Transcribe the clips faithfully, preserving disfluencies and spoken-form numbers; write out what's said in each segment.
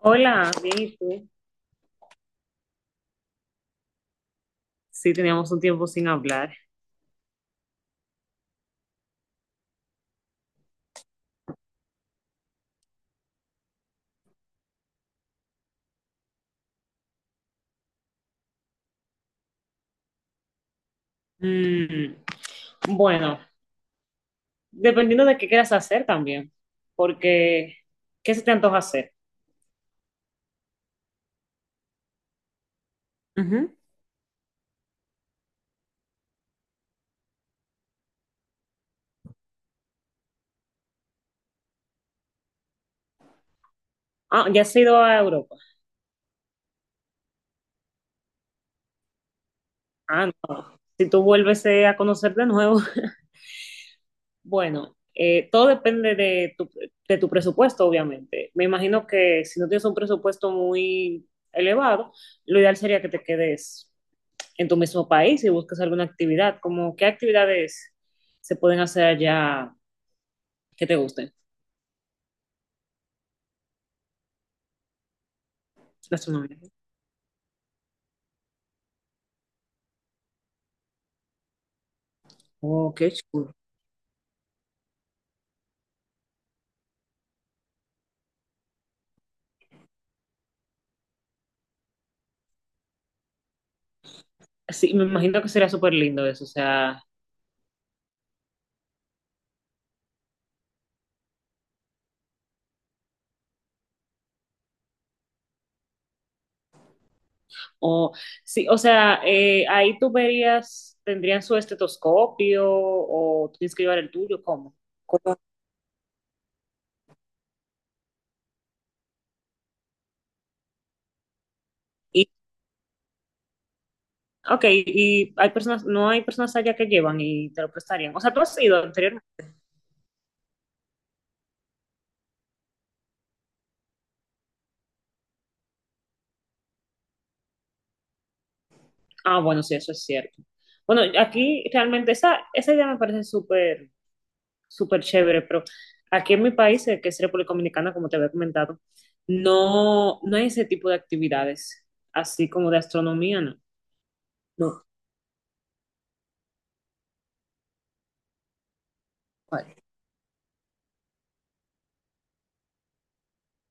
Hola, bien, ¿y tú? Sí, teníamos un tiempo sin hablar. Mm, bueno, dependiendo de qué quieras hacer también, porque ¿qué se te antoja hacer? Ujú. Ah, ¿ya has ido a Europa? Ah, no. Si tú vuelves eh, a conocer de nuevo. Bueno, eh, todo depende de tu, de tu presupuesto, obviamente. Me imagino que si no tienes un presupuesto muy elevado, lo ideal sería que te quedes en tu mismo país y busques alguna actividad, como qué actividades se pueden hacer allá que te gusten. Gastronomía. Oh, qué chulo. Sí, me imagino que sería súper lindo eso, o sea, o sí, o sea, eh, ahí tú verías, tendrían su estetoscopio o tienes que llevar el tuyo, ¿cómo? Cómo. Y, ok, y hay personas, no hay personas allá que llevan y te lo prestarían. O sea, tú has ido anteriormente. Ah, bueno, sí, eso es cierto. Bueno, aquí realmente esa, esa idea me parece súper súper chévere, pero aquí en mi país, eh, que es República Dominicana, como te había comentado, no, no hay ese tipo de actividades, así como de astronomía, no. No, vale.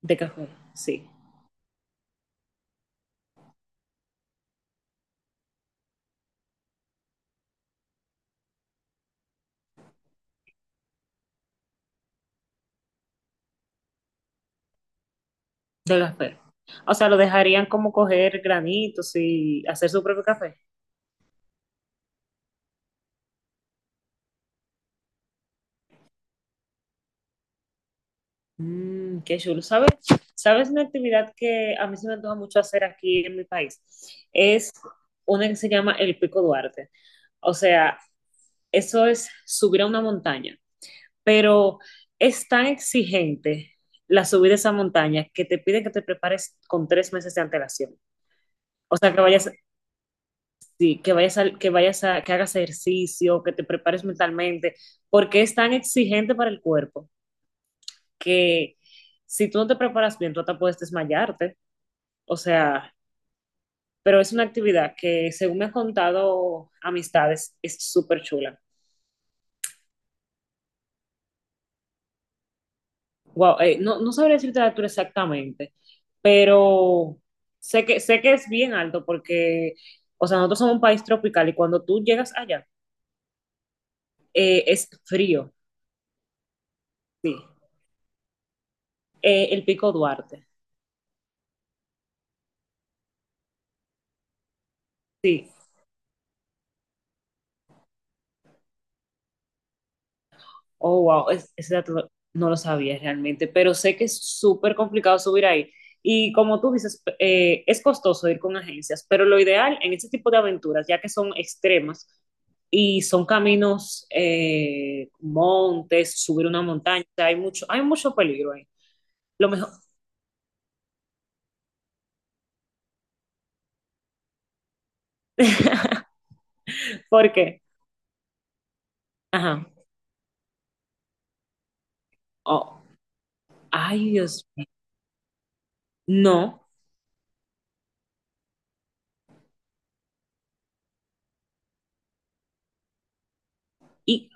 De café, sí, de café. O sea, lo dejarían como coger granitos y hacer su propio café. Mm, qué chulo. ¿Sabes? ¿Sabes una actividad que a mí se me antoja mucho hacer aquí en mi país? Es una que se llama el Pico Duarte. O sea, eso es subir a una montaña, pero es tan exigente la subida de esa montaña que te piden que te prepares con tres meses de antelación. O sea, que vayas, sí, que vayas, a, que vayas a, que hagas ejercicio, que te prepares mentalmente, porque es tan exigente para el cuerpo que si tú no te preparas bien, tú hasta puedes desmayarte. O sea, pero es una actividad que, según me han contado amistades, es súper chula. Wow, eh, no, no sabría decirte la altura exactamente, pero sé que, sé que es bien alto porque, o sea, nosotros somos un país tropical y cuando tú llegas allá, eh, es frío, sí. Eh, el Pico Duarte, sí. Oh, wow, es- ese dato lo- no lo sabía realmente, pero sé que es súper complicado subir ahí. Y como tú dices, p- eh, es costoso ir con agencias, pero lo ideal en este tipo de aventuras, ya que son extremas y son caminos, eh, montes, subir una montaña, hay mucho, hay mucho peligro ahí. Lo mejor, porque, ajá, oh, ay Dios, no, y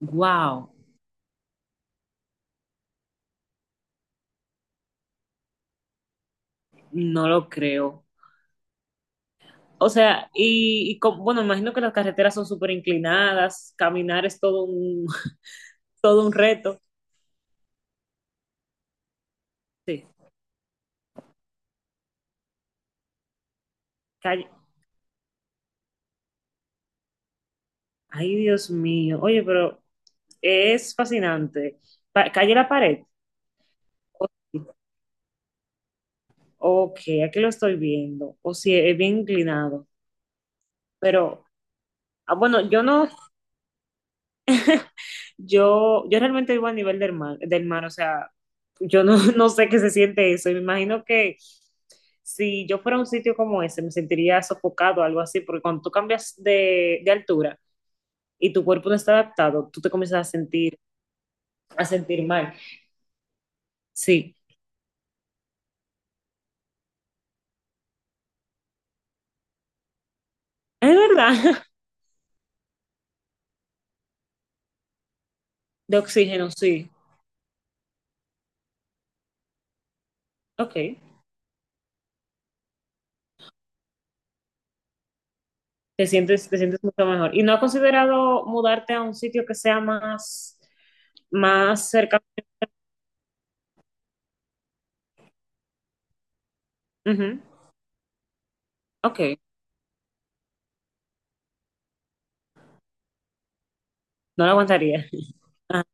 wow, no lo creo. O sea, y, y con- bueno, imagino que las carreteras son súper inclinadas, caminar es todo un, todo un reto. Sí, calle. Ay, Dios mío. Oye, pero es fascinante. Pa- calle la pared. Ok, aquí lo estoy viendo. O si es bien inclinado. Pero, ah, bueno, yo no. Yo, yo realmente vivo a nivel del mar, del mar, o sea, yo no, no sé qué se siente eso. Y me imagino que si yo fuera a un sitio como ese, me sentiría sofocado o algo así, porque cuando tú cambias de, de altura y tu cuerpo no está adaptado, tú te comienzas a sentir, a sentir mal. Sí, es verdad. De oxígeno, sí. Ok. Te sientes, te sientes mucho mejor. ¿Y no has considerado mudarte a un sitio que sea más, más cerca? Ujú. Ok. No lo aguantaría. Ah,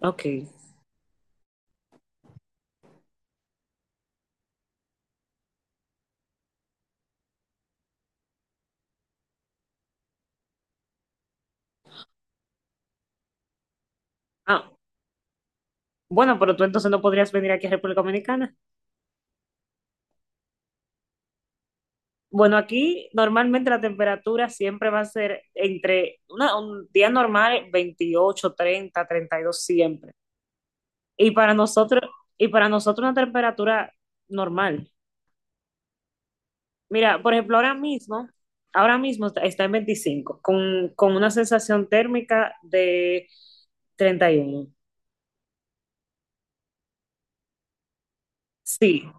ok. Ah, bueno, pero tú entonces no podrías venir aquí a República Dominicana. Bueno, aquí normalmente la temperatura siempre va a ser entre una- un día normal veintiocho, treinta, treinta y dos siempre. Y para nosotros, y para nosotros una temperatura normal. Mira, por ejemplo, ahora mismo, ahora mismo está está en veinticinco, con, con una sensación térmica de treinta y uno. Sí.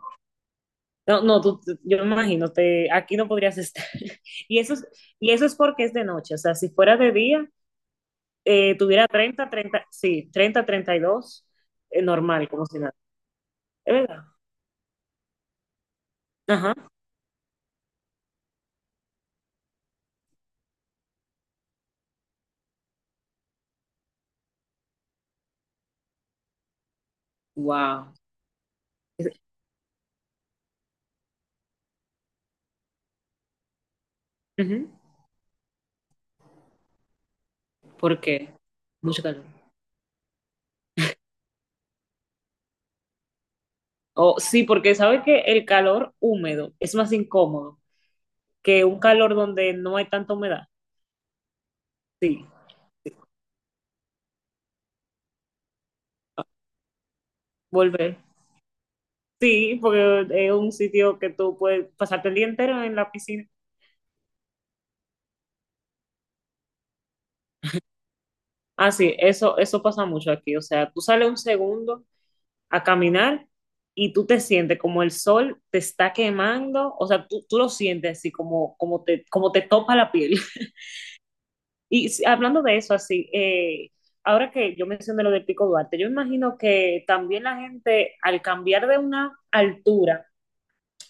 No, no, tú- tú- yo me imagino, te, aquí no podrías estar. Y eso es, y eso es porque es de noche, o sea, si fuera de día, eh, tuviera treinta treinta sí, treinta treinta y dos eh, normal, como si nada. ¿Es verdad? Ajá. Wow. ¿Por qué? Mucho calor. Oh, sí, porque sabe que el calor húmedo es más incómodo que un calor donde no hay tanta humedad. Sí. Sí. Ah, volver. Sí, porque es un sitio que tú puedes pasarte el día entero en la piscina. Ah, sí, eso, eso pasa mucho aquí. O sea, tú sales un segundo a caminar y tú te sientes como el sol te está quemando, o sea, tú, tú lo sientes así como, como, te, como te topa la piel. Y si- hablando de eso, así, eh, ahora que yo mencioné lo del Pico Duarte, yo imagino que también la gente al cambiar de una altura,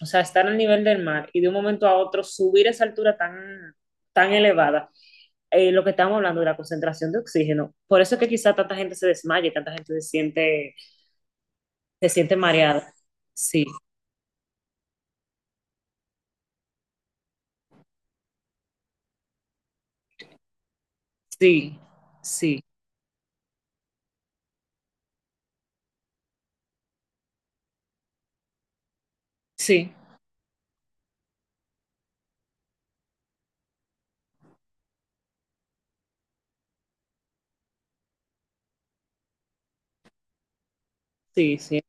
o sea, estar al nivel del mar y de un momento a otro subir esa altura tan, tan elevada, eh, lo que estamos hablando de la concentración de oxígeno, por eso es que quizá tanta gente se desmaye, tanta gente se siente, se siente mareada. Sí. Sí, sí, sí, sí, sí,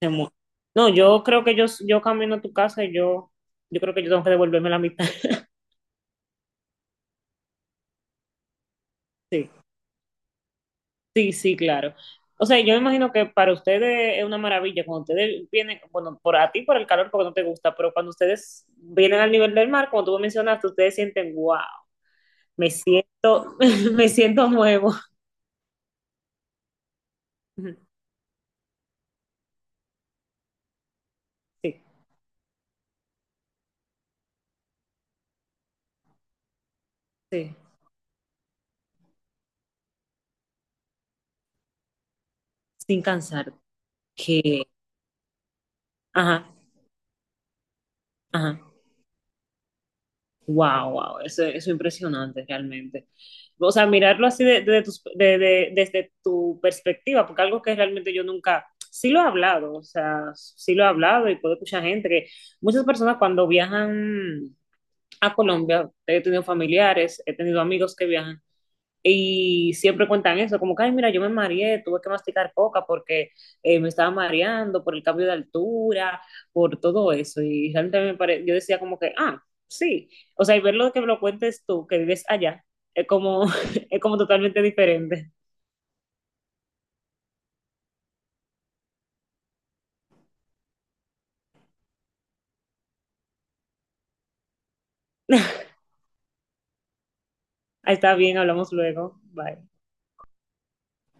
hace mucho. No, yo creo que yo, yo camino a tu casa y yo, yo creo que yo tengo que devolverme la mitad. Sí, sí, sí, claro. O sea, yo me imagino que para ustedes es una maravilla cuando ustedes vienen, bueno, por a ti por el calor porque no te gusta, pero cuando ustedes vienen al nivel del mar, como tú me mencionaste, ustedes sienten, wow, me siento, me siento nuevo. Sí, sí, sin cansar. Que, ajá, ajá. Wow, wow, eso, eso es impresionante realmente. O sea, mirarlo así de, de tus- de- de- desde tu perspectiva, porque algo que realmente yo nunca, sí lo he hablado, o sea, sí lo he hablado y puedo escuchar gente que muchas personas cuando viajan a Colombia, he tenido familiares, he tenido amigos que viajan, y siempre cuentan eso, como que, ay, mira, yo me mareé, tuve que masticar coca porque eh, me estaba mareando por el cambio de altura, por todo eso. Y realmente me pare... yo decía como que, ah, sí. O sea, y ver lo que me lo cuentes tú, que vives allá, es como, es como totalmente diferente. Está bien, hablamos luego. Bye.